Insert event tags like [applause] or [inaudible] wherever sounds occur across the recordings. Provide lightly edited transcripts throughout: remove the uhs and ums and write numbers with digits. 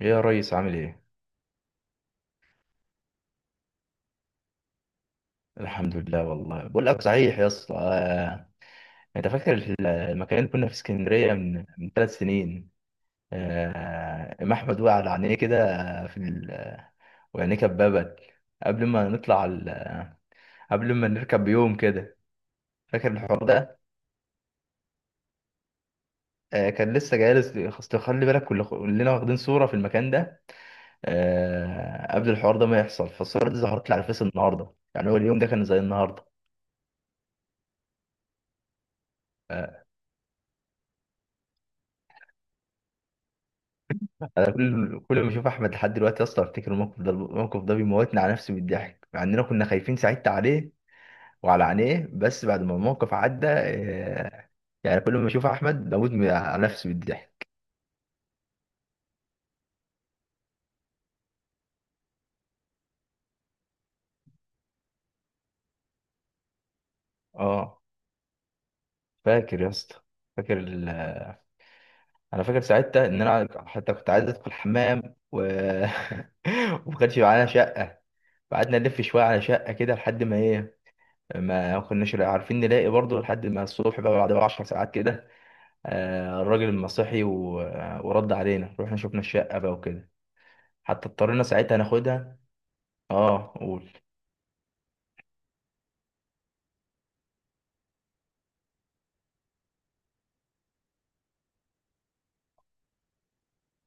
يا ريس عامل ايه؟ الحمد لله والله بقول لك صحيح يا اسطى. انت فاكر في المكان اللي كنا في اسكندريه من ثلاث سنين. ام احمد وقع على عينيه كده في ال... وعينيه كببت. قبل ما نطلع ال... قبل ما نركب بيوم كده. فاكر الحوار ده؟ كان لسه جالس، اصل خلي بالك كلنا واخدين صوره في المكان ده قبل الحوار ده ما يحصل. فالصوره دي ظهرت لي على الفيس النهارده، يعني هو اليوم ده كان زي النهارده. آه، كل ما اشوف احمد لحد دلوقتي اصلا افتكر الموقف ده، الموقف ده بيموتني على نفسي بالضحك مع اننا كنا خايفين ساعتها عليه وعلى عينيه. بس بعد ما الموقف عدى، يعني كل ما اشوف احمد بموت على نفسي بالضحك. اه، فاكر يا اسطى؟ فاكر ال... انا فاكر ساعتها ان انا حتى كنت عايز ادخل الحمام و [laughs] وما كانش معانا شقه. قعدنا نلف شويه على شقه كده لحد ما ايه، ما كناش عارفين نلاقي برضه لحد ما الصبح بقى بعد 10 ساعات كده. الراجل المسيحي ورد علينا، رحنا شفنا الشقة بقى وكده، حتى اضطرينا ساعتها ناخدها. اه، قول.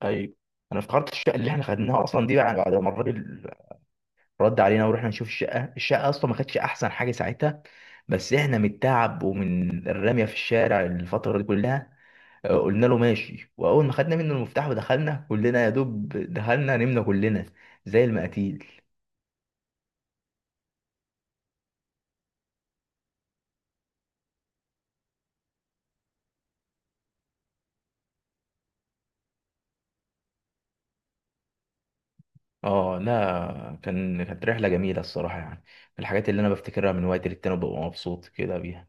ايوه، انا افتكرت الشقة اللي احنا خدناها اصلا دي بعد ما الراجل رد علينا ورحنا نشوف الشقة. اصلا ما كانتش احسن حاجة ساعتها، بس احنا من التعب ومن الرمية في الشارع الفترة دي كلها، قلنا له ماشي. واول ما خدنا منه المفتاح ودخلنا كلنا، يا دوب دخلنا نمنا كلنا زي المقاتيل. اه، لا كانت رحله جميله الصراحه، يعني من الحاجات اللي انا بفتكرها من وقت للتاني ببقى مبسوط كده بيها.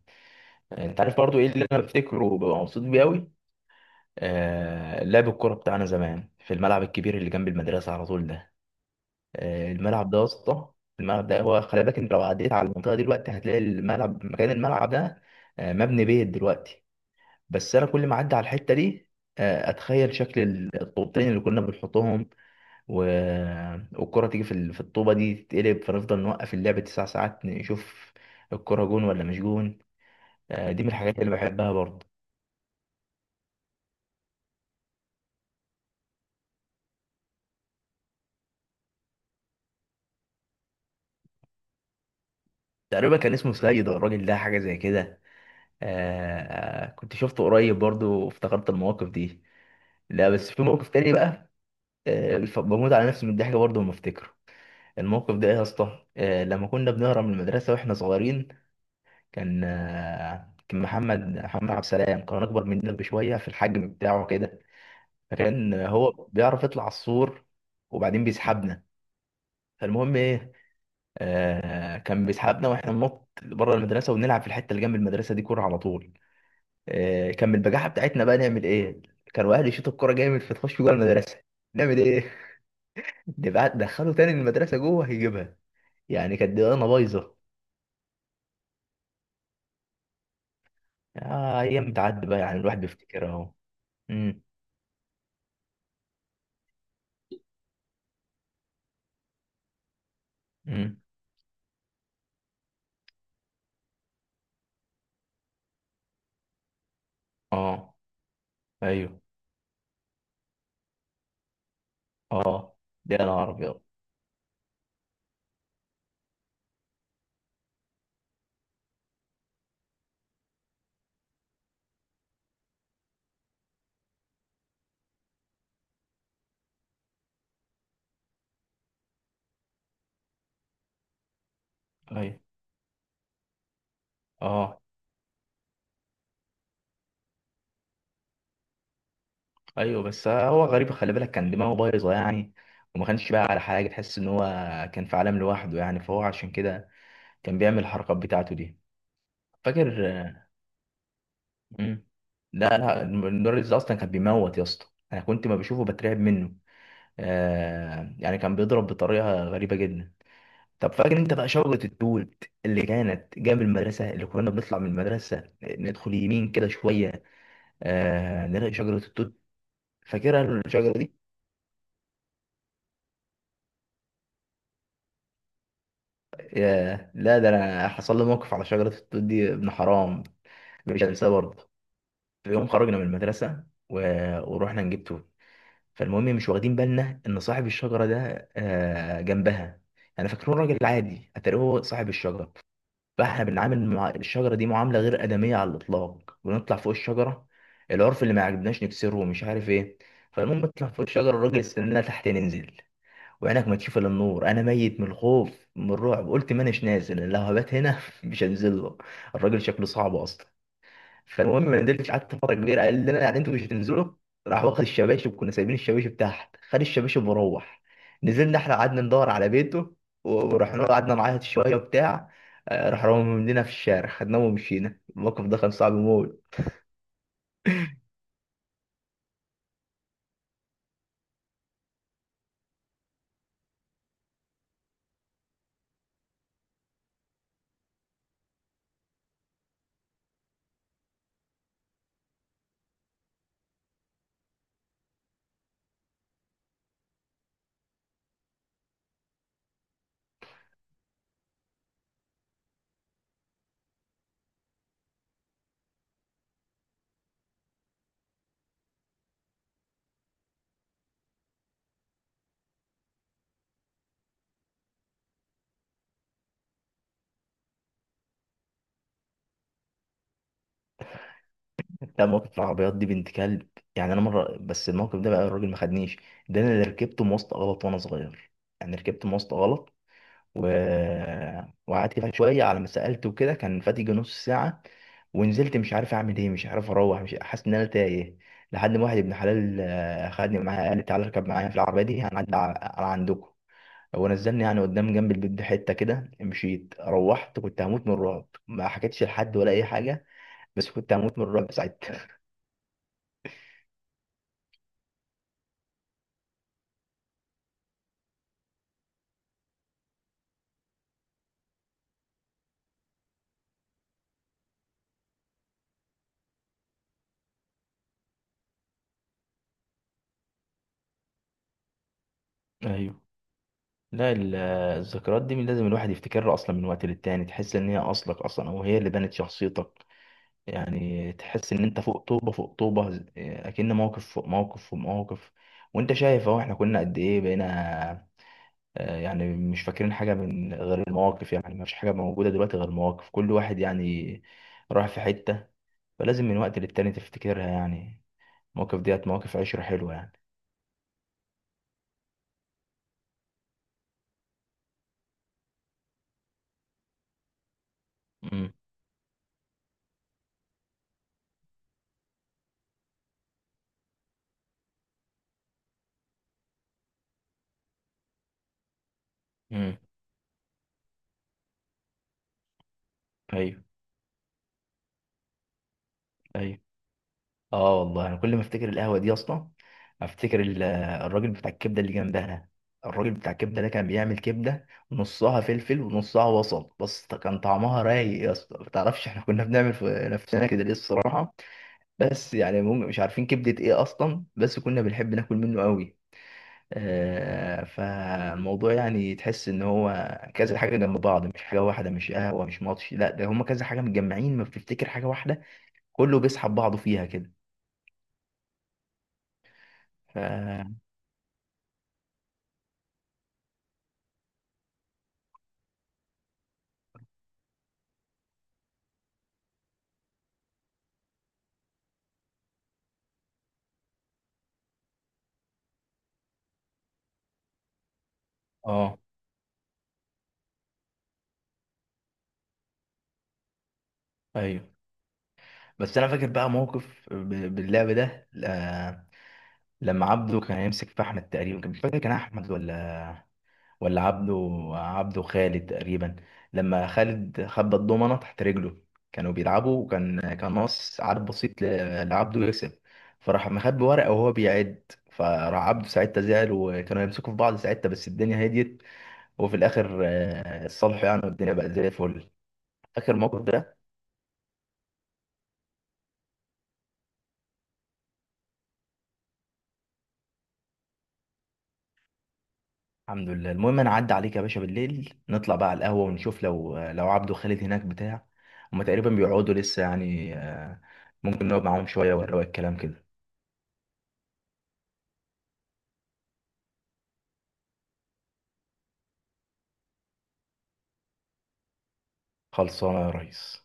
انت عارف برضو ايه اللي انا بفتكره وببقى مبسوط بيه قوي؟ لعب الكوره بتاعنا زمان في الملعب الكبير اللي جنب المدرسه على طول ده. الملعب ده يا اسطى، الملعب ده هو، خلي بالك انت لو عديت على المنطقه دي دلوقتي هتلاقي الملعب، مكان الملعب ده، مبني بيت دلوقتي. بس انا كل ما اعدي على الحته دي، اتخيل شكل الطوبتين اللي كنا بنحطهم و... والكرة تيجي في الطوبة دي تتقلب، فنفضل نوقف اللعب تسع ساعات نشوف الكرة جون ولا مش جون. دي من الحاجات اللي بحبها برضه. تقريبا كان اسمه سيد الراجل ده، حاجة زي كده آه، كنت شفته قريب برضه وافتكرت المواقف دي. لا بس في موقف تاني بقى، بموت على نفسي من الضحك برضه لما افتكره. الموقف ده ايه يا اسطى؟ لما كنا بنهرب من المدرسة واحنا صغيرين، كان كان محمد عبد السلام كان اكبر مننا بشوية في الحجم بتاعه كده، لان هو بيعرف يطلع على السور وبعدين بيسحبنا. فالمهم ايه، كان بيسحبنا واحنا ننط بره المدرسه ونلعب في الحته اللي جنب المدرسه دي كوره على طول. كان من البجاحه بتاعتنا بقى نعمل ايه، كانوا اهلي يشوطوا الكوره جامد فتخش جوه المدرسه. نعمل ايه؟ [laughs] نبقى دخله تاني المدرسه جوه هيجيبها. يعني كانت دماغنا بايظه. ايام بتعدي بقى، يعني الواحد بيفتكرها اهو. امم امم اه. ايوه. اه، ده انا ابيض. ايوه. اه. ايوه، بس هو غريب، خلي بالك كان دماغه بايظه يعني، وما كانش بقى على حاجه. تحس ان هو كان في عالم لوحده يعني، فهو عشان كده كان بيعمل الحركات بتاعته دي. فاكر؟ مم. لا لا، المدرس ده اصلا كان بيموت يا اسطى، انا كنت ما بشوفه بترعب منه، يعني كان بيضرب بطريقه غريبه جدا. طب فاكر انت بقى شجره التوت اللي كانت جنب المدرسه، اللي كنا بنطلع من المدرسه ندخل يمين كده شويه، نلاقي شجره التوت. فاكرها الشجره دي؟ ياه، لا ده انا حصل لي موقف على شجره التوت دي ابن حرام، مش هنساه برضه. في يوم خرجنا من المدرسه و... ورحنا نجيب توت. فالمهم مش واخدين بالنا ان صاحب الشجره ده جنبها. انا فاكره راجل عادي، اتاري هو صاحب الشجره. فاحنا بنعامل مع الشجره دي معامله غير ادميه على الاطلاق، بنطلع فوق الشجره، العرف اللي ما عجبناش نكسره ومش عارف ايه. فالمهم نطلع فوق الشجره، الراجل استنانا تحت ننزل، وعينك ما تشوف الا النور، انا ميت من الخوف من الرعب. قلت ما اناش نازل، أنا لو هبات هنا [laughs] مش هنزل له، الراجل شكله صعب اصلا. فالمهم ما نزلتش، قعدت فتره كبيره، قال لنا يعني انتوا مش هتنزلوا، راح واخد الشباشب. كنا سايبين الشباشب تحت، خد الشباشب وروح. نزلنا احنا قعدنا ندور على بيته ورحنا له، قعدنا نعيط شويه وبتاع، راح رمى مننا في الشارع، خدناه ومشينا. الموقف ده كان صعب موت. ده مواقف العربيات دي بنت كلب، يعني انا مره بس الموقف ده بقى الراجل ما خدنيش، ده انا اللي ركبت مواصله غلط وانا صغير. يعني ركبت مواصله غلط و... وقعدت فيها شويه على ما سالت وكده، كان فاتي يجي نص ساعه، ونزلت مش عارف اعمل ايه، مش عارف اروح، مش حاسس ان انا تايه، لحد ما واحد ابن حلال، خدني معاه. قال لي تعالى اركب معايا في العربيه دي هنعدي على عندكم. هو نزلني يعني قدام جنب البيت بحته كده، مشيت روحت كنت هموت من الرعب، ما حكيتش لحد ولا اي حاجه، بس كنت هموت من الرعب ساعتها. ايوه، لا الذكريات دي من لازم الواحد يفتكرها اصلا من وقت للتاني. تحس ان هي اصلك اصلا او هي اللي بنت شخصيتك. يعني تحس ان انت فوق طوبه فوق طوبه، اكن موقف فوق موقف فوق موقف، وانت شايف اهو احنا كنا قد ايه بقينا. يعني مش فاكرين حاجه من غير المواقف، يعني ما فيش حاجه موجوده دلوقتي غير المواقف. كل واحد يعني راح في حته، فلازم من وقت للتاني تفتكرها يعني. المواقف ديت مواقف عشره حلوه يعني. امم امم ايوه. ايوه. اه والله انا كل ما افتكر القهوه دي اصلا، افتكر الراجل بتاع الكبده اللي جنبها ده. الراجل بتاع الكبده ده كان بيعمل كبده، نصها فلفل ونصها بصل، بس كان طعمها رايق يا اسطى. ما تعرفش احنا كنا بنعمل في نفسنا كده ليه الصراحه، بس يعني مش عارفين كبده ايه اصلا، بس كنا بنحب ناكل منه قوي. فالموضوع يعني تحس ان هو كذا حاجه جنب بعض، مش حاجه واحده، مش قهوه، مش ماتش، لا ده هما كذا حاجه متجمعين، ما بتفتكر حاجه واحده، كله بيسحب بعضه فيها كده. ف... اه. ايوه. بس انا فاكر بقى موقف باللعب ده، لما عبده كان هيمسك في احمد. تقريبا كان مش فاكر كان احمد ولا ولا عبده، عبده خالد تقريبا. لما خالد خبى الضمنه تحت رجله، كانوا بيلعبوا، وكان ناقص عدد بسيط لعبده يكسب، فراح مخبي ورقه وهو بيعد. فراح عبده ساعتها زعل، وكانوا يمسكوا في بعض ساعتها، بس الدنيا هديت. وفي الاخر، اتصالحوا يعني، والدنيا بقت زي الفل. فاكر الموقف ده؟ الحمد لله. المهم انا عدى عليك يا باشا بالليل نطلع بقى على القهوه ونشوف لو عبده خالد هناك بتاع هما تقريبا بيقعدوا لسه يعني، ممكن نقعد معاهم شويه ونروق الكلام كده. خلصانه يا ريس.